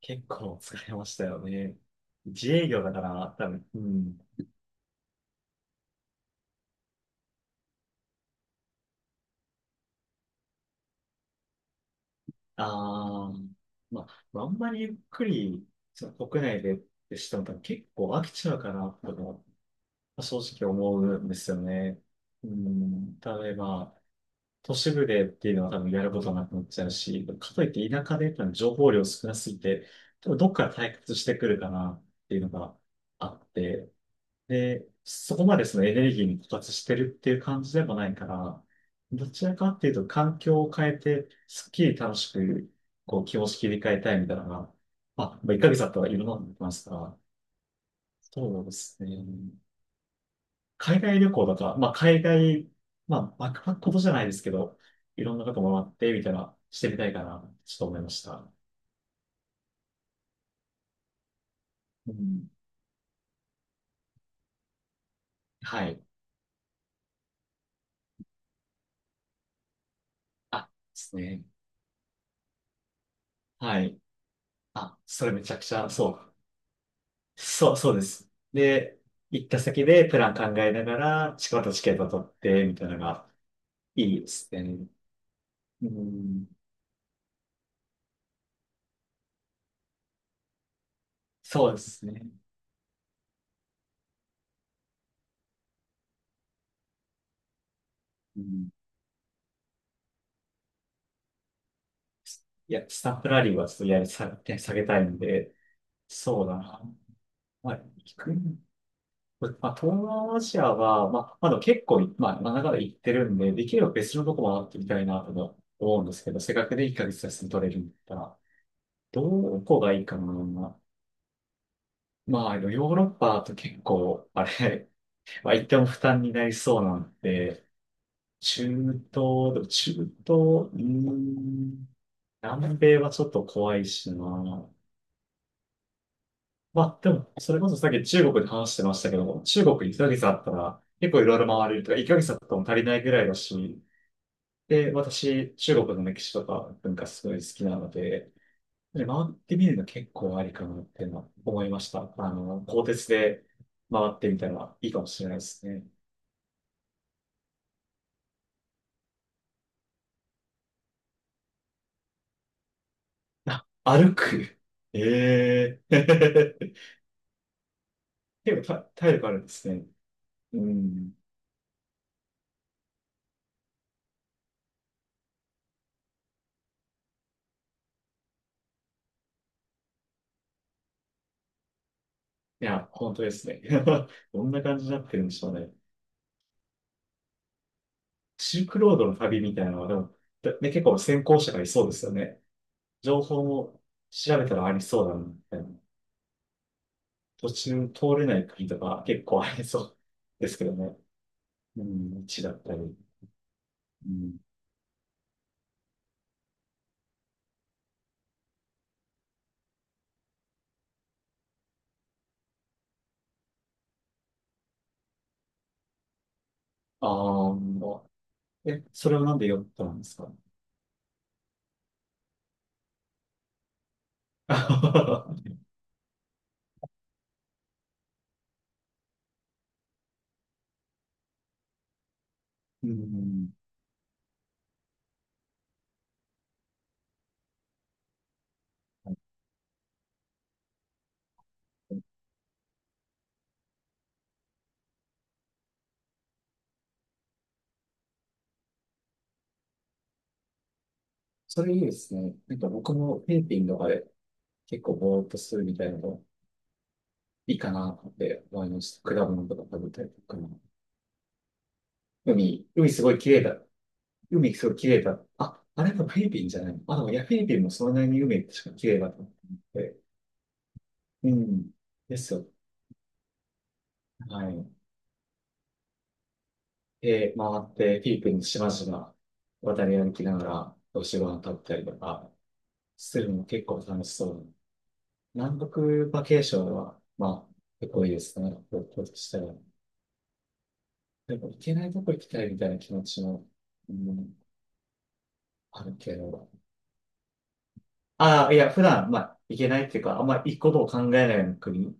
結構疲れましたよね。自営業だから、多分、うん。ああ、まあ、あんまりゆっくり、その国内でってしても多分結構飽きちゃうかな、とか、まあ正直思うんですよね。うん、例えば、都市部でっていうのは多分やることなくなっちゃうし、かといって田舎で多分情報量少なすぎて、多分どっから退屈してくるかなっていうのがあって、で、そこまでそのエネルギーに枯渇してるっていう感じでもないから、どちらかっていうと環境を変えて、すっきり楽しく、こう気持ち切り替えたいみたいなのが、まあ、1ヶ月だったらいろんなのできますから、そうですね。海外旅行だとらまあ海外、まあバックパックことじゃないですけど、いろんなこともらって、みたいな、してみたいかな、ちょっと思いました。うん。はい。あ、ですね。はい。あ、それめちゃくちゃ、そう。そう、そうです。で、行った先でプラン考えながら、チケット取って、みたいなのがいいですね。うん、そうですね。うん、いや、スタンプラリーはちょっとやり下げ、下げたいんで、そうだな。まあ、行く、まあ、東南アジアは、まあ、まだ結構、まあ、まあ長々行ってるんで、できれば別のとこ回ってみたいなと思うんですけど、せっかくで1ヶ月休み取れるんだったら、どこがいいかな。まあ、ヨーロッパと結構、あれ、まあ、言っても負担になりそうなんで、中中東、うーん、南米はちょっと怖いしな。まあ、でも、それこそさっき中国で話してましたけど、中国1げ月あったら、結構いろいろ回れるとか、1ヶ月あっても足りないぐらいだし、で、私、中国の歴史とか文化すごい好きなので、で回ってみるの結構ありかなっていうのは思いました。あの、鋼鉄で回ってみたらいいかもしれないですね。あ、歩く。ええー 結構た体力あるんですね。うん。いや、本当ですね。どんな感じになってるんでしょうね。シルクロードの旅みたいなのは、でも、だね、結構先行者がいそうですよね。情報も調べたらありそうだな、みたいな。途中通れない国とか結構ありそうですけどね。うん、道だったり。うん。ああ、え、それはなんで読ったんですか？ うん。それいいですね。なんか僕もフィリピンとかで結構ぼーっとするみたいなのいいかなって思いました。果物とか食べたりとか。海すごい綺麗だ。海すごい綺麗だ。あ、あれもフィリピンじゃないの？あ、でもいや、フィリピンもそんなに海確か綺麗だと思って。うん。ですよ。はい。で、回ってフィリピンの島々渡り歩きながらお仕事食べたりとかするのも結構楽しそう。南国バケーションは、まあ、結構いいですね。僕としたら。でも行けないとこ行きたいみたいな気持ちも、うん、あるけど。ああ、いや、普段、まあ、行けないっていうか、あんまり行くことを考えないような国、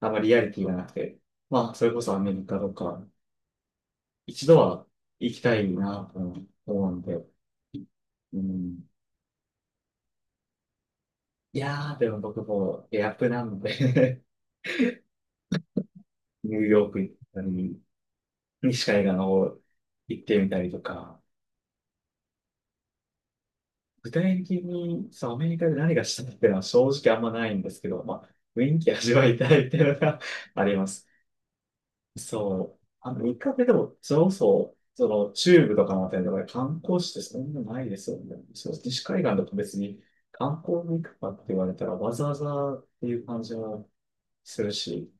あんまりリアリティがなくて、まあ、それこそアメリカとか、一度は行きたいなと思うんで、うん。いやー、でも僕もエアプなんで ニューヨーク行ったり、西海岸の方行ってみたりとか、具体的に、そう、アメリカで何がしたいっていうのは正直あんまないんですけど、まあ、雰囲気味わいたいっていうのが あります。そう。あの、一回目でも、それこそ、その、中部とかのあたりとかで観光地ってそんなないですよね。そう、西海岸だと別に観光に行くかって言われたら、わざわざっていう感じはするし、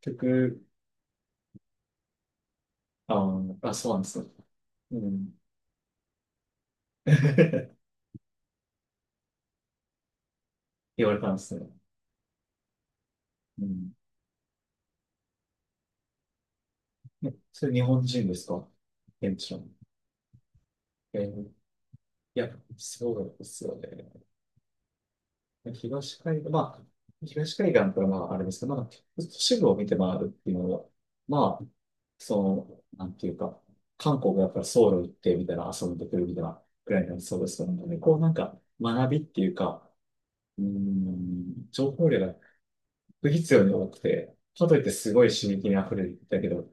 結局、あの、あ、そうなんですね。うん。言われたんですね。うん。ね、それ日本人ですか？現地の。えー、いや、そうですよね。東海岸、まあ、東海岸からまあ、あれですけど、まあ、都市部を見て回るっていうのは、まあ、その、なんていうか、韓国がやっぱりソウル行ってみたいな、遊んでくるみたいなくらいになりそうですよね。こうなんか、学びっていうか、うーん、情報量が不必要に多くて、かといってすごい刺激に溢れてたけど、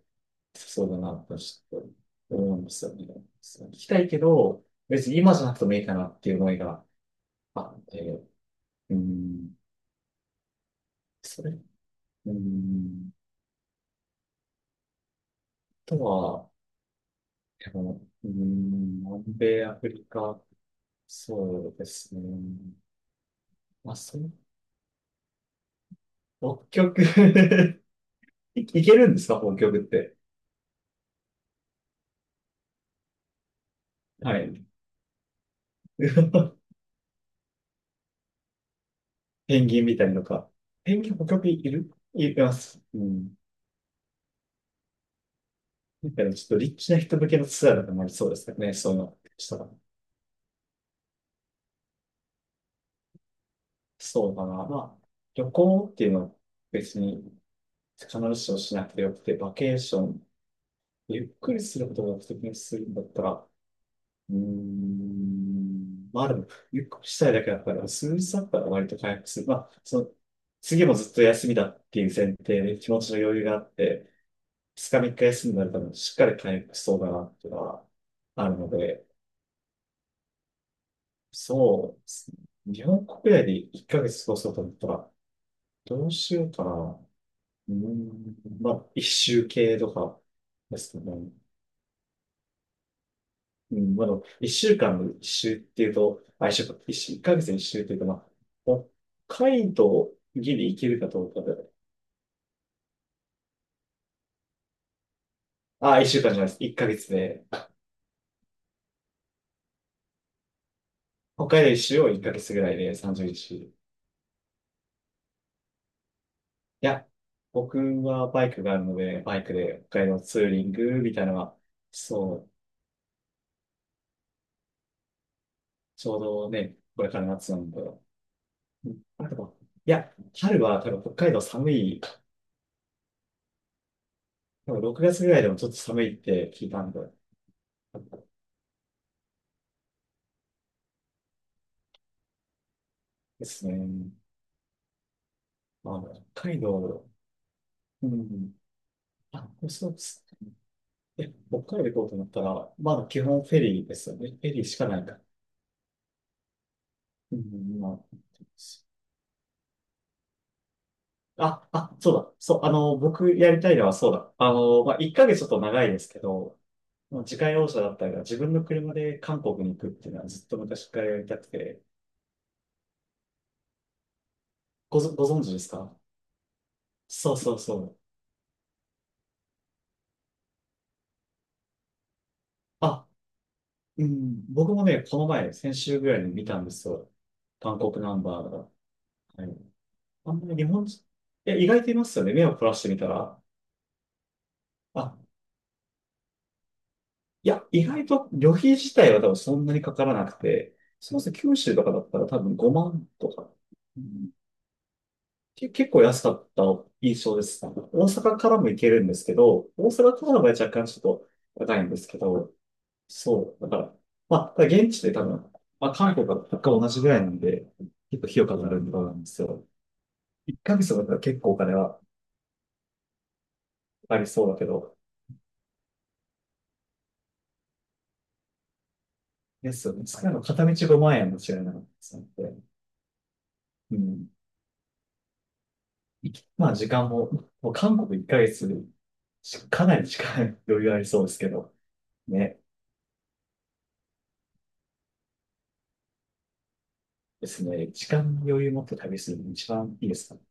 そうだな、とちょっと思うんですよね。そう聞きたいけど、別に今じゃなくてもいいかなっていう思いが、あって、うん。それ、うん。あとは、でも、うん、南米、アフリカ、そうですね。まあ、そう、北極。 い、いけるんですか、北極って。はい。ペンギンみたいのか。ペンギン、北極いるいます。うん。みたいな、ちょっとリッチな人向けのツアーだとまりそうですかね、そういうの。したら、そうだな。まあ、旅行っていうのは別に必ずしもしなくてよくて、バケーション、ゆっくりすることが目的にするんだったら、うーん、まあでも、ゆっくりしたいだけだから、数日だったら割と回復する。まあ、その、次もずっと休みだっていう前提で気持ちの余裕があって、2日3日休みになるとしっかり回復しそうだなっていうのはあるので、そうですね。日本国内で1ヶ月過ごそうと思ったら、どうしようかな。うーん、まあ、一周系とかですかね。うん、まあ、でも一週間の一周っていうと、あ、一週間、一週、一ヶ月の一周っていうと、まあ、北海道ギリ行けるかどうかで、あ、一週間じゃないです。一ヶ月で、北海道一周を一ヶ月ぐらいで30週、いや、僕はバイクがあるので、バイクで北海道ツーリングみたいなのは、そう、ちょうどね、これから夏なんで、うん、あとは、いや、春は多分北海道寒い、多分6月ぐらいでもちょっと寒いって聞いたんで、ですね。まあ、北海道、うん。あ、そうです。え、北海道行こうと思ったら、まだ基本フェリーですよね。フェリーしかないから。うん、まあ、そうだ。そう、あの、僕やりたいのはそうだ。あの、まあ、1ヶ月ちょっと長いですけど、もう自家用車だったり、自分の車で韓国に行くっていうのはずっと昔からやりたくて、ごぞ、ご存知ですか？そう。あ、うん、僕もね、この前、先週ぐらいに見たんですよ。韓国ナンバーが。はい。あんまり日本人、いや、意外といますよね。目を凝らしてみたら。あ、いや、意外と旅費自体は多分そんなにかからなくて、そうですね九州とかだったら多分5万とか、うん、け結構安かった印象です。大阪からも行けるんですけど、大阪からの場合若干ちょっと高いんですけど、そう、だから、まあ、ただ現地で多分、まあ、韓国は物価同じぐらいなんで、結構費用かかるんだんですよ。1ヶ月だったら結構お金はかかりそうだけど、ですよね。使うの片道5万円も違いなかったですので、うん。いきまあ時間も、もう韓国1ヶ月し、かなり時間 余裕ありそうですけど、ね、ですね、時間に余裕持って旅するのが一番いいですかね？